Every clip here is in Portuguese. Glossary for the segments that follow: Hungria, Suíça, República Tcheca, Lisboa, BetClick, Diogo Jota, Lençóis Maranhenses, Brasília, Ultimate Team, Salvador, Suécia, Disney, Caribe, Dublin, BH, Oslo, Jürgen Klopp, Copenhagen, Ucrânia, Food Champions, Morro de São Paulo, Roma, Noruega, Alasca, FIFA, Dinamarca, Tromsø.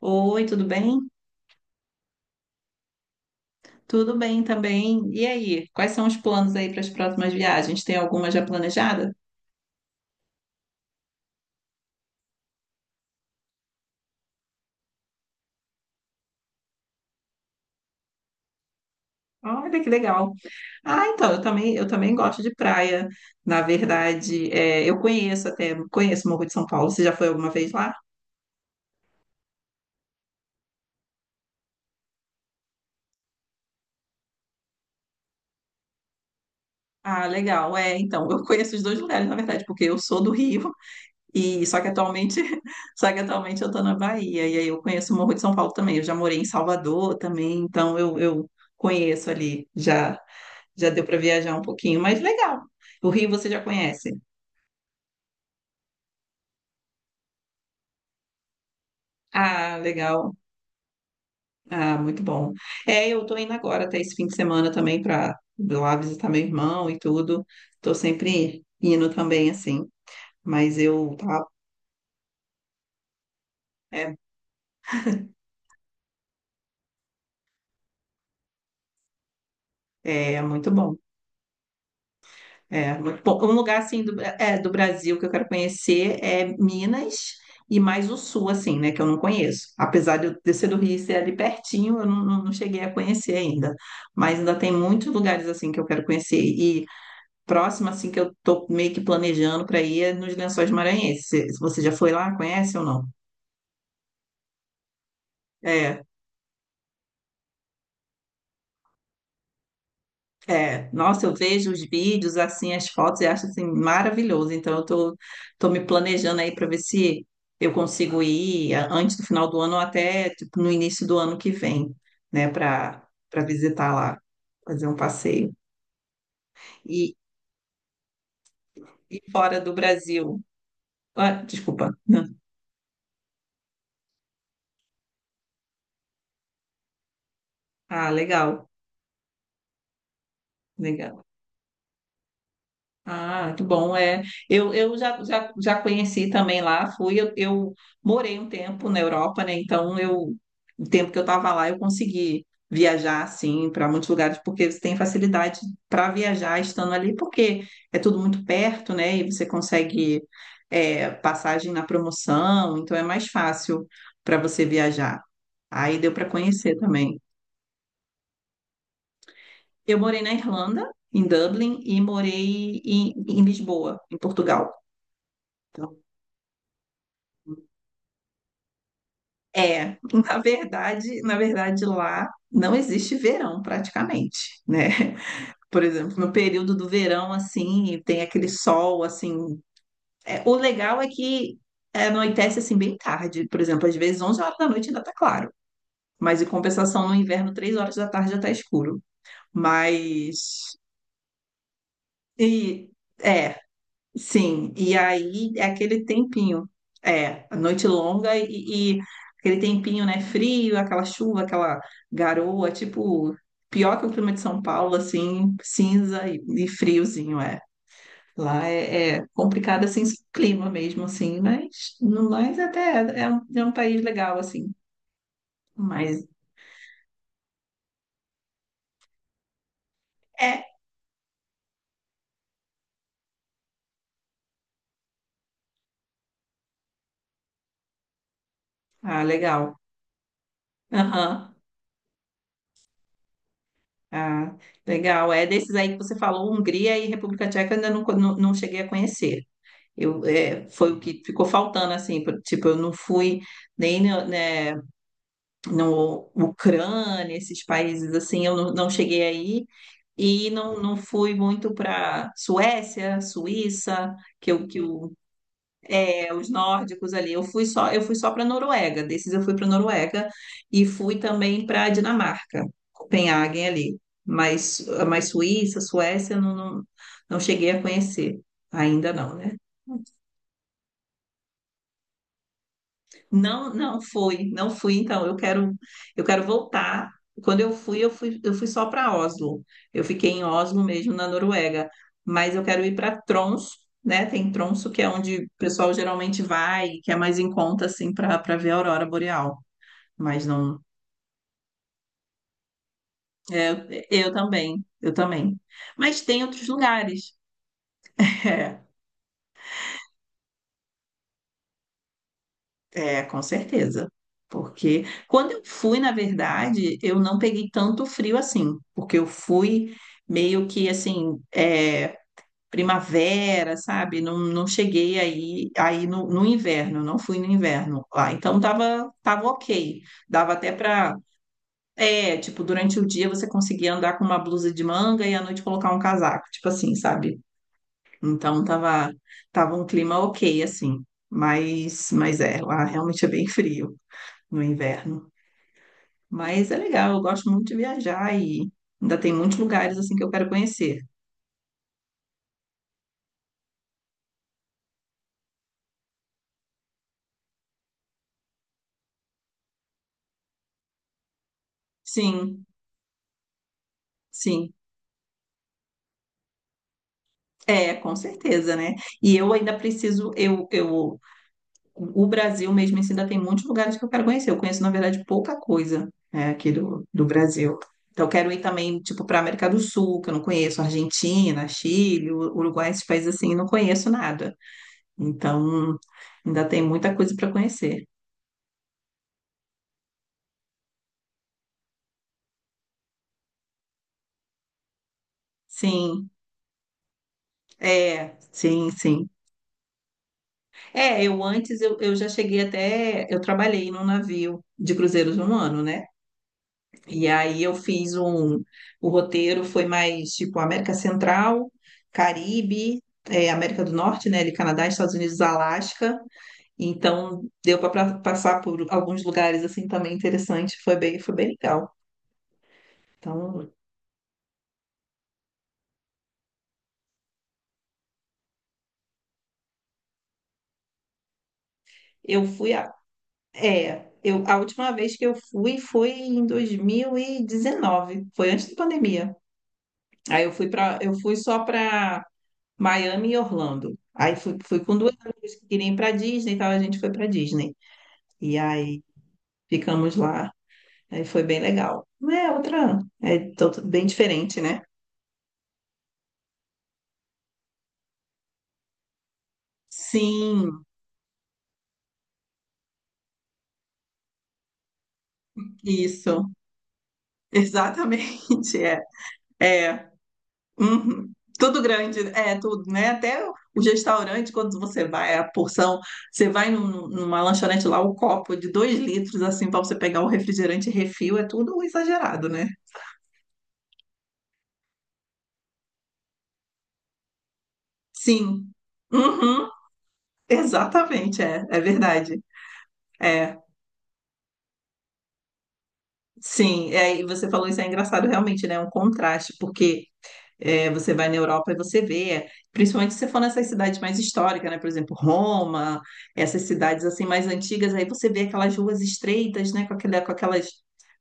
Oi, tudo bem? Tudo bem também. E aí, quais são os planos aí para as próximas viagens? Tem alguma já planejada? Olha que legal. Ah, então, eu também gosto de praia. Na verdade, eu conheço conheço o Morro de São Paulo. Você já foi alguma vez lá? Ah, legal. É, então, eu conheço os dois lugares, na verdade, porque eu sou do Rio e só que atualmente, só que atualmente eu tô na Bahia e aí eu conheço o Morro de São Paulo também. Eu já morei em Salvador também, então eu conheço ali já. Já deu para viajar um pouquinho, mas legal. O Rio você já conhece. Ah, legal. Ah, muito bom. É, eu tô indo agora até esse fim de semana também para lá visitar meu irmão e tudo. Tô sempre indo também, assim. Mas eu tá, é, É muito bom. É, muito bom. Um lugar assim do, do Brasil que eu quero conhecer é Minas e mais o sul, assim, né? Que eu não conheço. Apesar de eu ter sido do Rio e ser ali pertinho, eu não, não- não cheguei a conhecer ainda. Mas ainda tem muitos lugares assim que eu quero conhecer. E próximo, assim, que eu tô meio que planejando para ir é nos Lençóis Maranhenses. Se- se Você já foi lá? Conhece ou não? É. É, nossa, eu vejo os vídeos, assim, as fotos e acho, assim, maravilhoso. Então, tô me planejando aí para ver se eu consigo ir antes do final do ano ou até, tipo, no início do ano que vem, né, para visitar lá, fazer um passeio. E, e fora do Brasil. Ah, desculpa. Ah, legal, legal. Ah, muito bom, é. Eu já conheci também lá, fui, eu morei um tempo na Europa, né? Então eu, o tempo que eu estava lá, eu consegui viajar assim para muitos lugares, porque você tem facilidade para viajar estando ali, porque é tudo muito perto, né? E você consegue é, passagem na promoção, então é mais fácil para você viajar. Aí deu para conhecer também. Eu morei na Irlanda, em Dublin, e morei em, em Lisboa, em Portugal. Então, é, na verdade lá não existe verão praticamente, né? Por exemplo, no período do verão assim, tem aquele sol assim, é, o legal é que é, anoitece assim bem tarde, por exemplo, às vezes 11 horas da noite ainda tá claro, mas em compensação no inverno 3 horas da tarde já tá escuro. Mas e é, Sim, e aí é aquele tempinho, é, a noite longa e aquele tempinho, né, frio, aquela chuva, aquela garoa, tipo, pior que o clima de São Paulo, assim, cinza e friozinho, é. Lá é, é complicado, assim, o clima mesmo, assim, mas no mais até é um país legal, assim, mas é, ah, legal, aham. Ah, legal. É desses aí que você falou, Hungria e República Tcheca, eu ainda não, co- não, não cheguei a conhecer. Eu, é, foi o que ficou faltando, assim, tipo, eu não fui nem no, né, no Ucrânia, esses países assim, eu não, não cheguei aí e não fui muito para Suécia, Suíça, que eu, que eu, é, os nórdicos ali. Eu fui só para Noruega, desses eu fui para Noruega e fui também para Dinamarca, Copenhagen ali, mas Suíça, Suécia, eu não, não, não cheguei a conhecer, ainda não, né? Não fui. Então, eu quero voltar. Quando eu fui só para Oslo. Eu fiquei em Oslo mesmo, na Noruega. Mas eu quero ir para Tromsø, né? Tem Tromsø, que é onde o pessoal geralmente vai, que é mais em conta, assim, para ver a aurora boreal. Mas não, é, eu também. Mas tem outros lugares. É, com certeza. Porque quando eu fui, na verdade, eu não peguei tanto frio assim, porque eu fui meio que assim, é, primavera, sabe? Não, não cheguei aí, aí no, no inverno, não fui no inverno lá. Então tava ok. Dava até pra. É, tipo, durante o dia você conseguia andar com uma blusa de manga e à noite colocar um casaco, tipo assim, sabe? Então tava um clima ok, assim. Mas é, lá realmente é bem frio no inverno. Mas é legal, eu gosto muito de viajar e ainda tem muitos lugares assim que eu quero conhecer. Sim, sim. É, com certeza, né? E eu ainda preciso, o Brasil mesmo assim, ainda tem muitos lugares que eu quero conhecer. Eu conheço, na verdade, pouca coisa, né, aqui do, do Brasil. Então, eu quero ir também, tipo, para a América do Sul, que eu não conheço, Argentina, Chile, Uruguai, esses países assim, eu não conheço nada. Então, ainda tem muita coisa para conhecer. Sim, é, sim, sim. É, eu já cheguei até, eu trabalhei num navio de cruzeiros um ano, né? E aí o roteiro foi mais tipo América Central, Caribe, é, América do Norte, né? Ali Canadá, Estados Unidos, Alasca. Então deu para passar por alguns lugares assim também interessante, foi bem legal. Então eu fui a, é, eu a última vez que eu fui foi em 2019, foi antes da pandemia. Aí eu fui só para Miami e Orlando. Aí fui, fui com duas amigas que queriam ir para Disney, então a gente foi para Disney. E aí ficamos lá. Aí foi bem legal. É outra, bem diferente, né? Sim, isso. Exatamente, é. É. Uhum. Tudo grande, é tudo, né? Até o restaurante, quando você vai, a porção, você vai numa lanchonete lá, o copo de 2 litros, assim, para você pegar o refrigerante refil, é tudo exagerado, né? Sim. Uhum. Exatamente, é, é verdade. É, sim, é, e você falou isso é engraçado realmente, né? É um contraste, porque é, você vai na Europa e você vê, é, principalmente se você for nessas cidades mais históricas, né? Por exemplo, Roma, essas cidades assim mais antigas, aí você vê aquelas ruas estreitas, né? Com aquelas,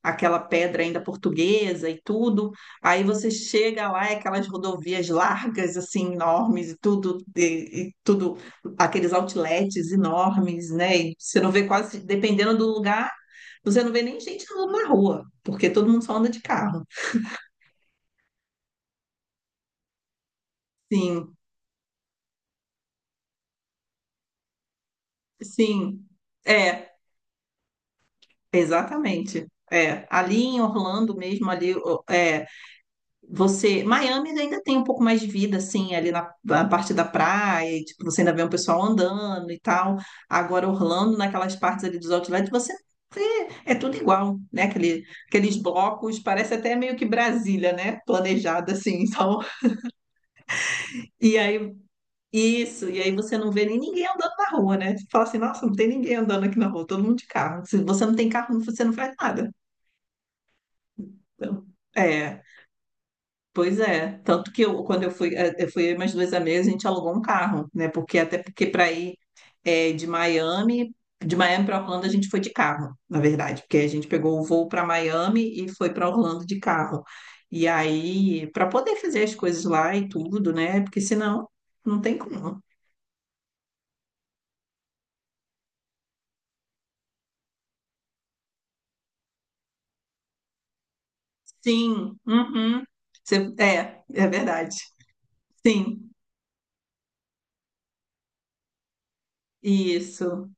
aquela pedra ainda portuguesa e tudo. Aí você chega lá, é aquelas rodovias largas, assim, enormes e tudo, e tudo, aqueles outlets enormes, né? E você não vê quase, dependendo do lugar, você não vê nem gente andando na rua, porque todo mundo só anda de carro. Sim, sim. É, exatamente. É, ali em Orlando mesmo, ali, você, Miami ainda tem um pouco mais de vida, assim, ali na, na parte da praia, e, tipo, você ainda vê um pessoal andando e tal. Agora, Orlando, naquelas partes ali dos outlets, você vê, é tudo igual, né? Aquele, aqueles blocos, parece até meio que Brasília, né? Planejada, assim, então, e aí, isso, e aí você não vê nem ninguém andando na rua, né? Você fala assim, nossa, não tem ninguém andando aqui na rua, todo mundo de carro. Se você não tem carro, você não faz nada. Então, é. Pois é, tanto que eu, quando eu fui, eu fui eu e meus dois amigos, a gente alugou um carro, né? Porque até porque para ir de Miami, para Orlando a gente foi de carro, na verdade, porque a gente pegou o voo para Miami e foi para Orlando de carro. E aí, para poder fazer as coisas lá e tudo, né? Porque senão não tem como. Sim, uhum. Você- é, é verdade. Sim, isso.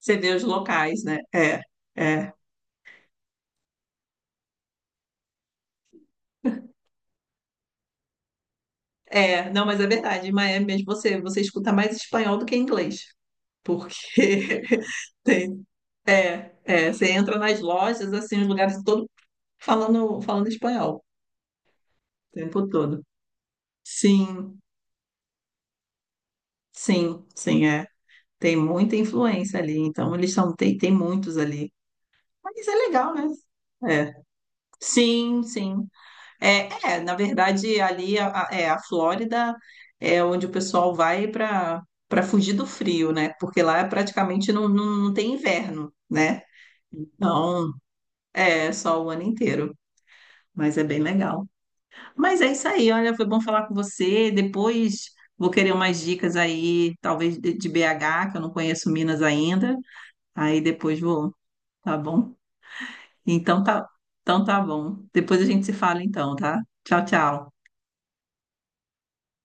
Você vê os locais, né? É, é. É, não, mas é verdade. Em Miami mesmo você, você escuta mais espanhol do que inglês. Porque tem, é, é, você entra nas lojas, assim, nos lugares todo falando, falando espanhol o tempo todo. Sim, sim, sim, é. Tem muita influência ali, então eles são, tem, tem muitos ali. Mas é legal, né? É. Sim, sim. É, é, na verdade, ali a, a Flórida é onde o pessoal vai para fugir do frio, né? Porque lá é praticamente não, não, não tem inverno, né? Então, é só o ano inteiro, mas é bem legal. Mas é isso aí, olha, foi bom falar com você. Depois vou querer umas dicas aí, talvez de BH, que eu não conheço Minas ainda. Aí depois vou, tá bom? Então tá, então tá bom. Depois a gente se fala então, tá? Tchau, tchau.